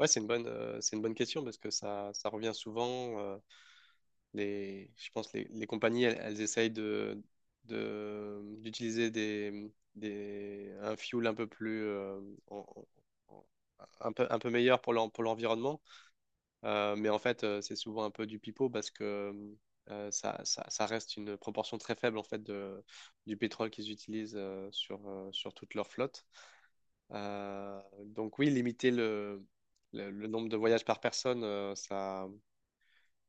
Ouais, c'est une bonne question parce que ça revient souvent. Je pense les compagnies, elles essayent d'utiliser un fuel un peu plus, en- en- un peu meilleur pour pour l'environnement. Mais en fait, c'est souvent un peu du pipeau parce que ça reste une proportion très faible en fait du pétrole qu'ils utilisent sur toute leur flotte. Donc oui, limiter le nombre de voyages par personne, euh, ça,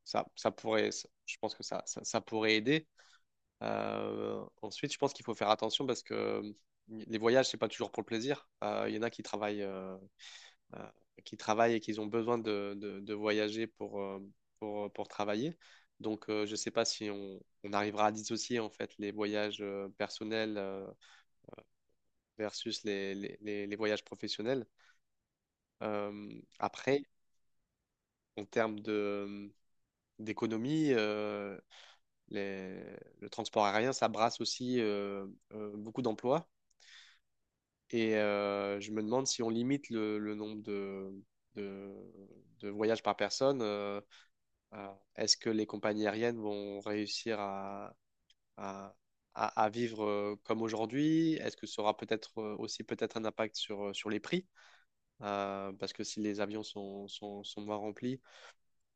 ça, ça pourrait, ça- je pense que ça pourrait aider. Ensuite, je pense qu'il faut faire attention parce que mm, les voyages, c'est pas toujours pour le plaisir. Il y en a qui euh, qui travaillent et qui ont besoin de voyager pour travailler. Donc, je sais pas si on arrivera à dissocier en fait les voyages personnels versus les voyages professionnels. Euh, après, en termes d'économie, les- le transport aérien, ça brasse aussi beaucoup d'emplois. Et je me demande si on limite le nombre de, de voyages par personne, est-ce que les compagnies aériennes vont réussir à, à vivre comme aujourd'hui? Est-ce que ça aura peut-être aussi peut-être un impact sur les prix? Parce que si les avions sont moins remplis,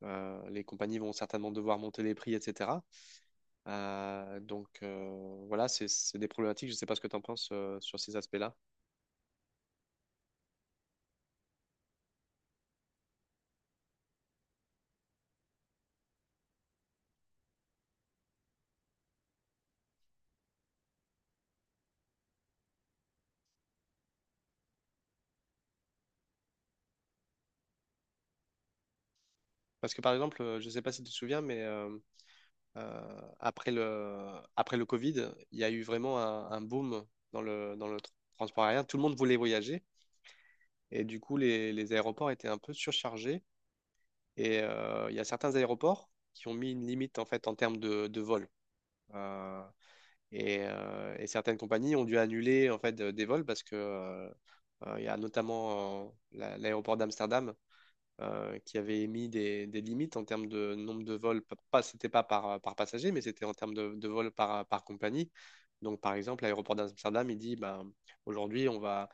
les compagnies vont certainement devoir monter les prix, etc. Voilà, c'est des problématiques. Je ne sais pas ce que tu en penses sur ces aspects-là. Parce que par exemple, je ne sais pas si tu te souviens, mais euh, après le, après le Covid, il y a eu vraiment un boom dans le transport aérien. Tout le monde voulait voyager et du coup, les aéroports étaient un peu surchargés. Et il y a certains aéroports qui ont mis une limite en fait en termes de vol. Euh, et certaines compagnies ont dû annuler en fait des vols parce que il y a notamment l'aéroport d'Amsterdam qui avait émis des limites en termes de nombre de vols. P- Pas, c'était pas par, par passager, mais c'était en termes de vols par compagnie. Donc par exemple, l'aéroport d'Amsterdam, il dit ben, aujourd'hui on va,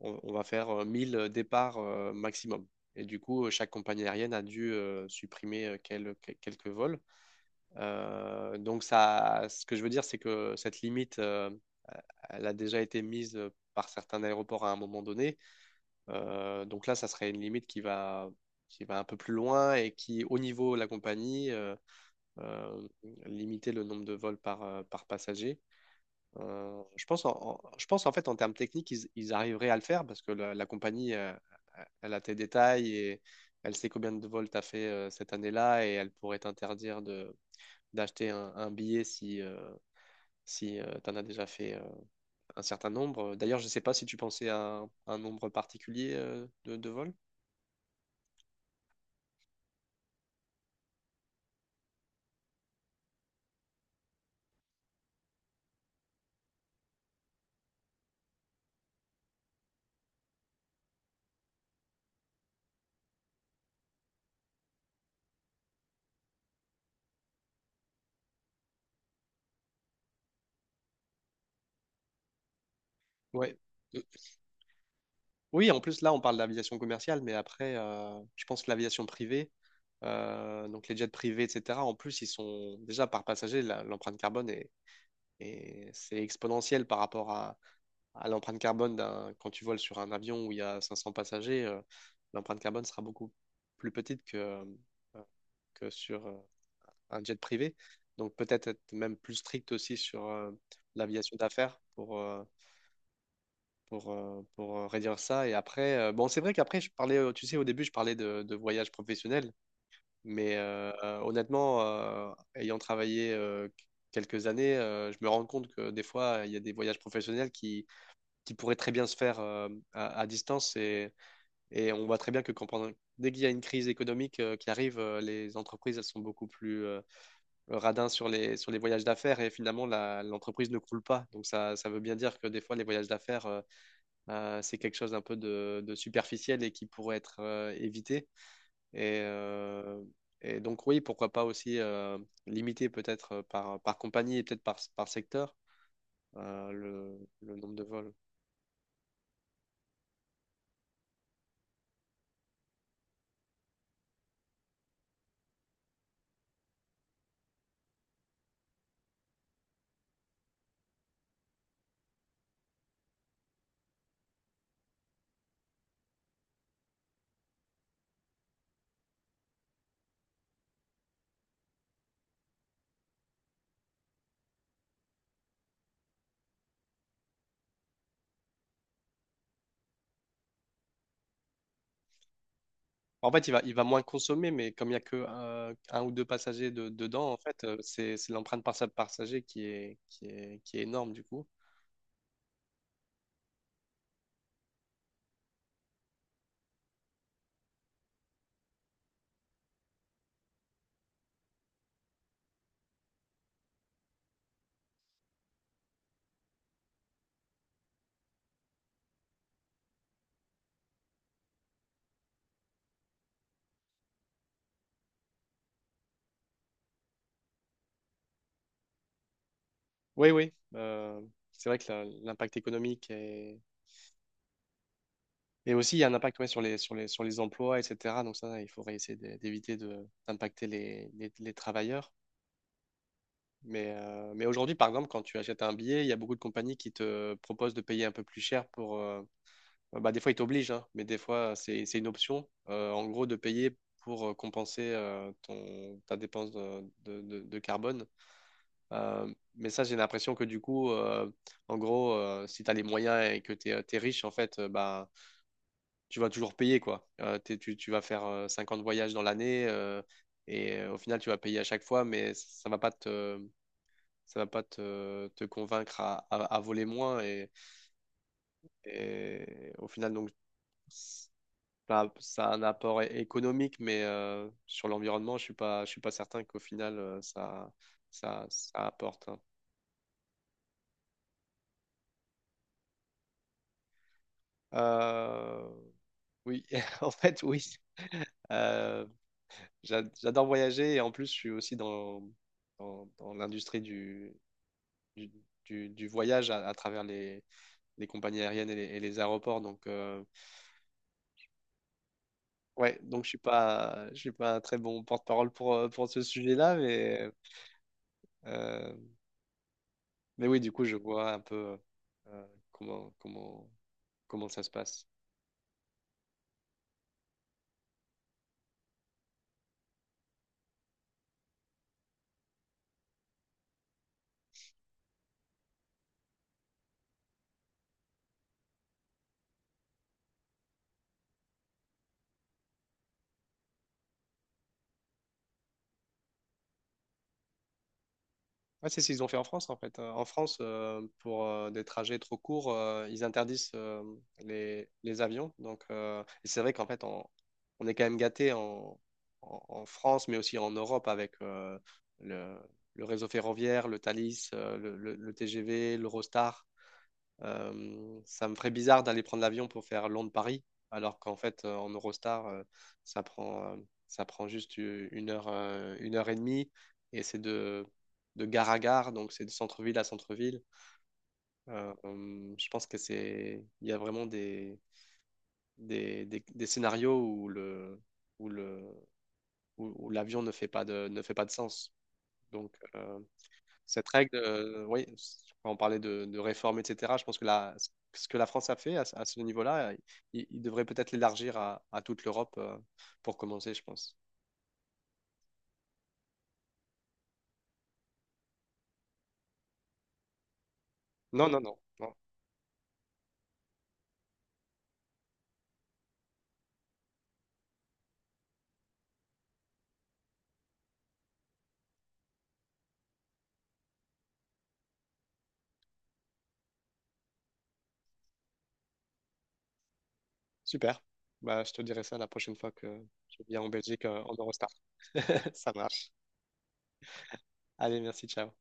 on, on va faire 1000 départs maximum. Et du coup, chaque compagnie aérienne a dû supprimer quelques vols. Donc, ce que je veux dire, c'est que cette limite, elle a déjà été mise par certains aéroports à un moment donné. Donc là, ça serait une limite qui qui va un peu plus loin et qui, au niveau de la compagnie, euh, limitait le nombre de vols par passager. Je pense en fait en termes techniques, ils arriveraient à le faire parce que la compagnie, elle a tes détails et elle sait combien de vols t'as fait cette année-là et elle pourrait t'interdire de d'acheter un billet si tu en as déjà fait un certain nombre. D'ailleurs, je ne sais pas si tu pensais à un nombre particulier de vols. Ouais. Euh, Oui, en plus, là, on parle d'aviation commerciale, mais après, je pense que l'aviation privée, donc les jets privés, etc., en plus, ils sont déjà par passager, l'empreinte carbone c'est exponentiel par rapport à l'empreinte carbone d'un, quand tu voles sur un avion où il y a 500 passagers, l'empreinte carbone sera beaucoup plus petite euh, que sur un jet privé. Donc peut-être être même plus strict aussi sur l'aviation d'affaires pour réduire ça. Et après, bon, c'est vrai qu'après, tu sais, au début, je parlais de voyage professionnel, mais honnêtement, ayant travaillé quelques années, je me rends compte que des fois, il y a des voyages professionnels qui pourraient très bien se faire à distance. Et on voit très bien que dès qu'il y a une crise économique qui arrive, les entreprises, elles sont beaucoup plus le radin sur les voyages d'affaires et finalement l'entreprise ne coule pas. Donc ça veut bien dire que des fois les voyages d'affaires, c'est quelque chose un peu de superficiel et qui pourrait être évité. Et, euh, et donc oui, pourquoi pas aussi limiter peut-être par compagnie et peut-être par secteur le nombre de vols. En fait, il va moins consommer, mais comme il n'y a que un, ou deux passagers dedans, en fait, c'est l'empreinte par par passager qui est énorme du coup. Oui, oui. C'est vrai que l'impact économique est... et aussi il y a un impact ouais, sur les, sur les, sur les emplois, etc. Donc ça, il faudrait essayer d'éviter d'impacter les travailleurs. Mais aujourd'hui, par exemple, quand tu achètes un billet, il y a beaucoup de compagnies qui te proposent de payer un peu plus cher pour... Bah, des fois, ils t'obligent, hein, mais des fois, c'est une option, en gros, de payer pour compenser ta dépense de carbone. Mais ça, j'ai l'impression que du coup, en gros, si tu as les moyens et que tu es, riche, en fait, bah, tu vas toujours payer, quoi. Tu vas faire 50 voyages dans l'année et au final, tu vas payer à chaque fois, mais ça va pas te convaincre à voler moins. Et au final, ça, ça a un apport économique, mais sur l'environnement, je suis pas certain qu'au final, ça apporte. Hein. Euh, Oui, en fait, oui. Euh, J'adore voyager et en plus, je suis aussi dans l'industrie du, du voyage à travers les compagnies aériennes et et les aéroports. Donc ouais, je suis pas très bon porte-parole pour ce sujet-là, euh, mais oui, du coup, je vois un peu euh, comment, comment, comment ça se passe. Ouais, c'est ce qu'ils ont fait en France, en fait. En France, pour des trajets trop courts, ils interdisent les avions. Donc, et c'est vrai qu'en fait, on est quand même gâté en France, mais aussi en Europe avec le, le réseau ferroviaire, le Thalys, le TGV, l'Eurostar. Ça me ferait bizarre d'aller prendre l'avion pour faire Londres-Paris, alors qu'en fait, en Eurostar, ça prend, euh, ça prend juste une heure et demie, et c'est de gare à gare, donc c'est de centre-ville à centre-ville. Je pense que c'est, il y a vraiment des scénarios où le, où, où l'avion ne fait pas ne fait pas de sens. Donc cette règle, oui, quand on parlait de réforme, etc., je pense que ce que la France a fait ce à ce niveau-là, il devrait peut-être l'élargir à toute l'Europe pour commencer, je pense. Non, non, non, non. Super. Bah, je te dirai ça la prochaine fois que je viens en Belgique en Eurostar. Ça marche. Allez, merci, ciao.